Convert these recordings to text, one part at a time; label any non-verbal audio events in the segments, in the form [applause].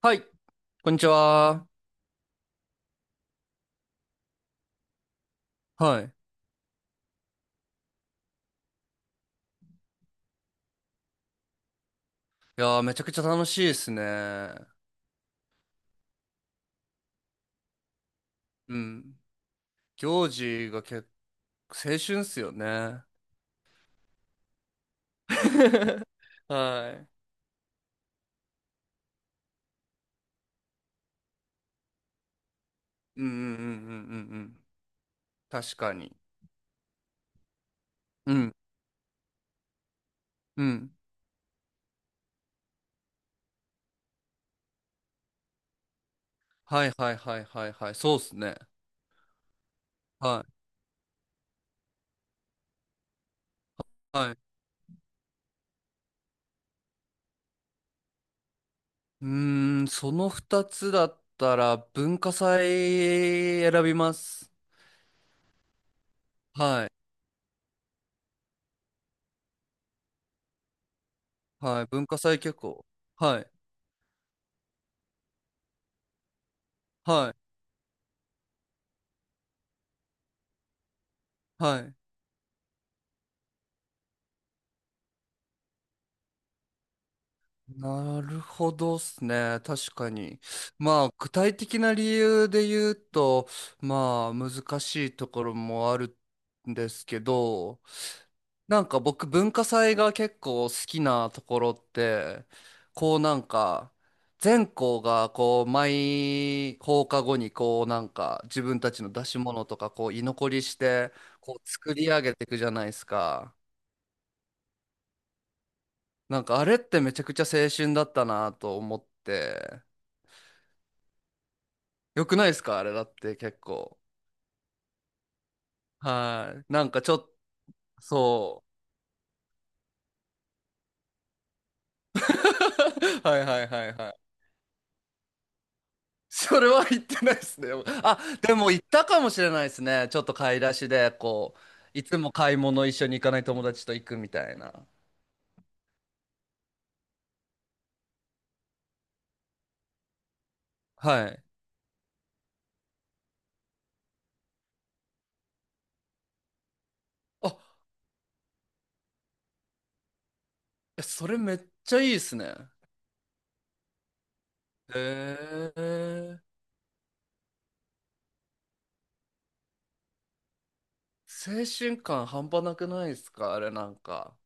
はい、こんにちは。はい。いやー、めちゃくちゃ楽しいですね。うん。行事が結構青春っすよね。[laughs] はい。うんうんうんうんうんうん。確かに。うん。うん。はいはいはいはいはい。そうっすね。はい。はい。うーん、その二つだったら文化祭選びます。はい。はい。文化祭結構。はい。はい。はい。なるほどっすね。確かに。まあ、具体的な理由で言うと、まあ、難しいところもあるんですけど、僕、文化祭が結構好きなところって、こう全校がこう、毎放課後に自分たちの出し物とかこう、居残りして、こう、作り上げていくじゃないですか。あれってめちゃくちゃ青春だったなと思って、よくないですかあれだって結構。はい。なんかちょっと、そう。[laughs] はいはいはいはい。それは言ってないですね。あ、でも言ったかもしれないですね。ちょっと買い出しで、こう、いつも買い物一緒に行かない友達と行くみたいな。はい。あ、えそれめっちゃいいですね。へえ。青春感半端なくないですかあれなんか。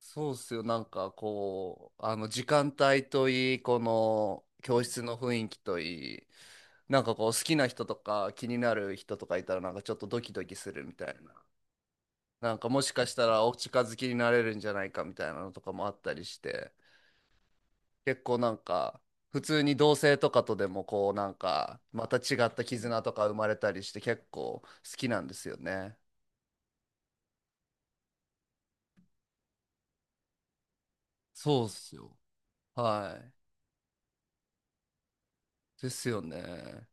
そうっすよ。なんかこう、あの時間帯といい、この教室の雰囲気といい、なんかこう好きな人とか気になる人とかいたらなんかちょっとドキドキするみたいな。なんかもしかしたらお近づきになれるんじゃないかみたいなのとかもあったりして、結構なんか普通に同性とかとでもこうなんかまた違った絆とか生まれたりして結構好きなんですよね。そうっすよ。はい。ですよね。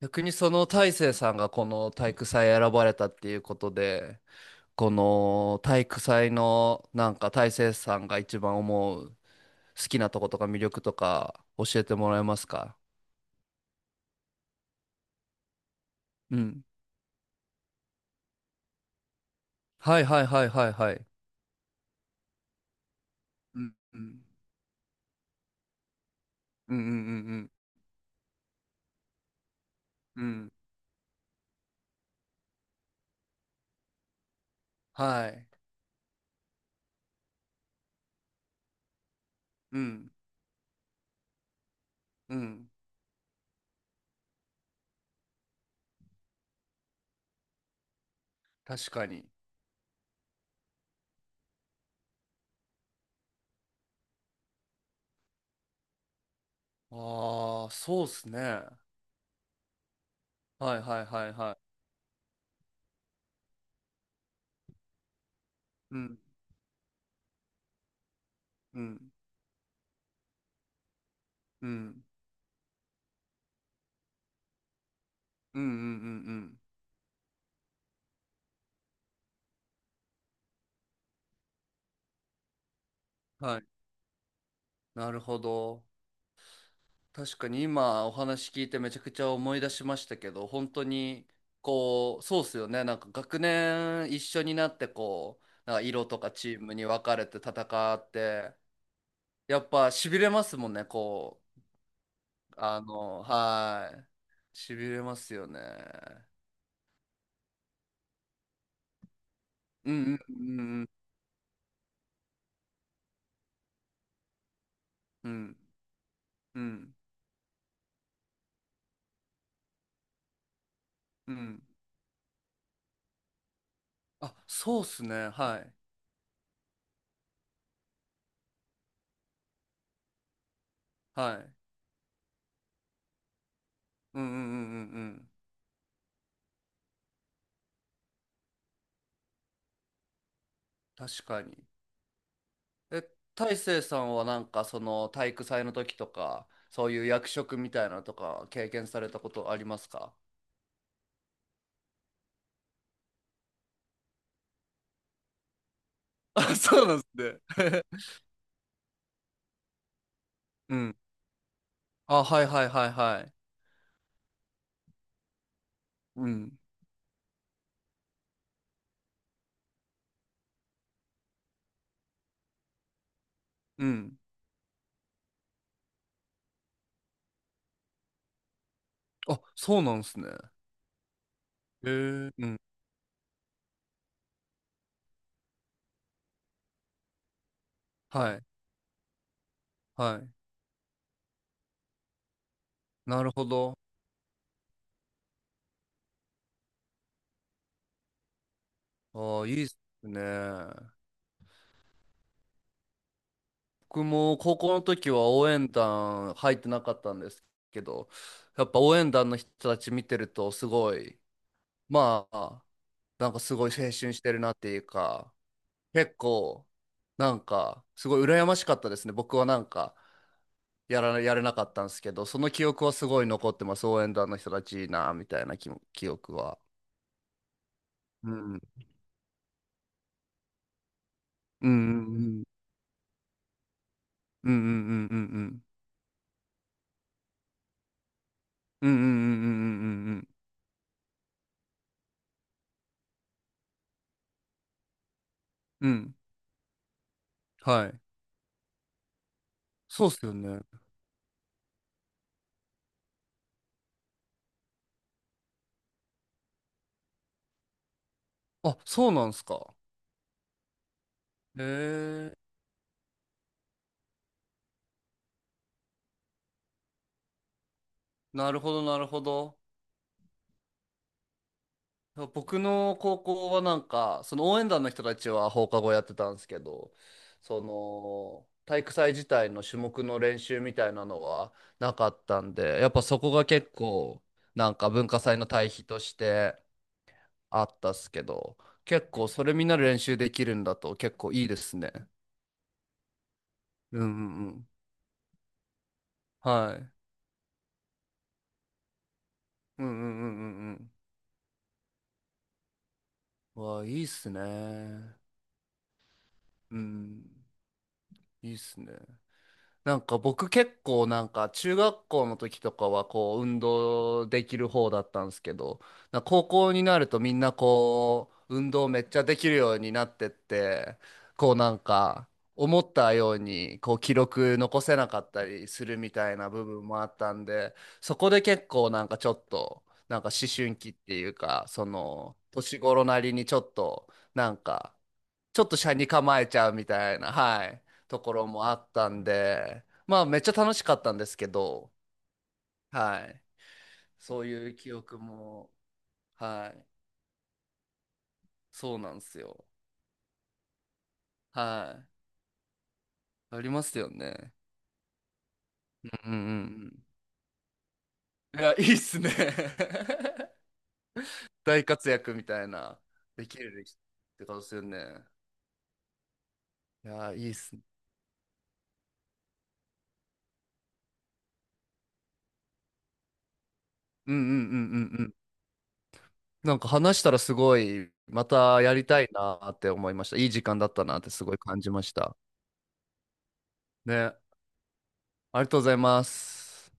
逆にその大成さんがこの体育祭選ばれたっていうことで、この体育祭のなんか大成さんが一番思う好きなとことか魅力とか教えてもらえますか？うん。はいはいはいはいはい。うんうんうんうんうんうん。はい。うんうん。確かに。ああー、そうっすね。はいはいはいはい。うんうんうんうんうんうんうん。はい。なるほど。確かに。今お話聞いてめちゃくちゃ思い出しましたけど、本当にこう、そうっすよね。なんか学年一緒になってこう、なんか色とかチームに分かれて戦って、やっぱ痺れますもんね、こう。あの、はい、痺れますよね。うんうんうんうんうんうんうん。あ、そうっすね。はいはい。うんうんうんうんうん。確かに。え、大成さんはなんかその体育祭の時とか、そういう役職みたいなのとか経験されたことありますか？ [laughs] あ、そうなんですね。[laughs] うん。あ、はいはいはいはい。うん。うん。あ、そうなんですね。へえ。うん。はい。はい。なるほど。ああ、いいっすね。僕も高校の時は応援団入ってなかったんですけど、やっぱ応援団の人たち見てるとすごい、まあ、なんかすごい青春してるなっていうか、結構、なんか、すごい羨ましかったですね。僕はなんか、やれなかったんですけど、その記憶はすごい残ってます。応援団の人たちいいな、みたいな記憶は。うん。うんうんうんうんうんうんうんうんうんうんうんうんうんうんうん。はい。そうっすよね。あ、そうなんすか。へえ。なるほど、なるほど。僕の高校はなんか、その応援団の人たちは放課後やってたんですけど、その体育祭自体の種目の練習みたいなのはなかったんで、やっぱそこが結構なんか文化祭の対比としてあったっすけど、結構それみんなで練習できるんだと結構いいですね。うんうんうん。はい。うんうんうんうんうん。わあ、いいっすね。うん。いいっすね。なんか僕結構なんか中学校の時とかはこう運動できる方だったんですけど、なんか高校になるとみんなこう運動めっちゃできるようになってって、こうなんか思ったようにこう記録残せなかったりするみたいな部分もあったんで、そこで結構なんかちょっとなんか思春期っていうか、その年頃なりにちょっとなんかちょっと車に構えちゃうみたいな、はい、ところもあったんで、まあめっちゃ楽しかったんですけど、はい、そういう記憶も、はい、そうなんですよ。はい、ありますよね。うんうんうん。いや、いいっすね。[laughs] 大活躍みたいな、できるってことですよね。いや、いいっすね。うんうんうんうんうん。なんか話したらすごい、またやりたいなって思いました。いい時間だったなってすごい感じました。ね。ありがとうございます。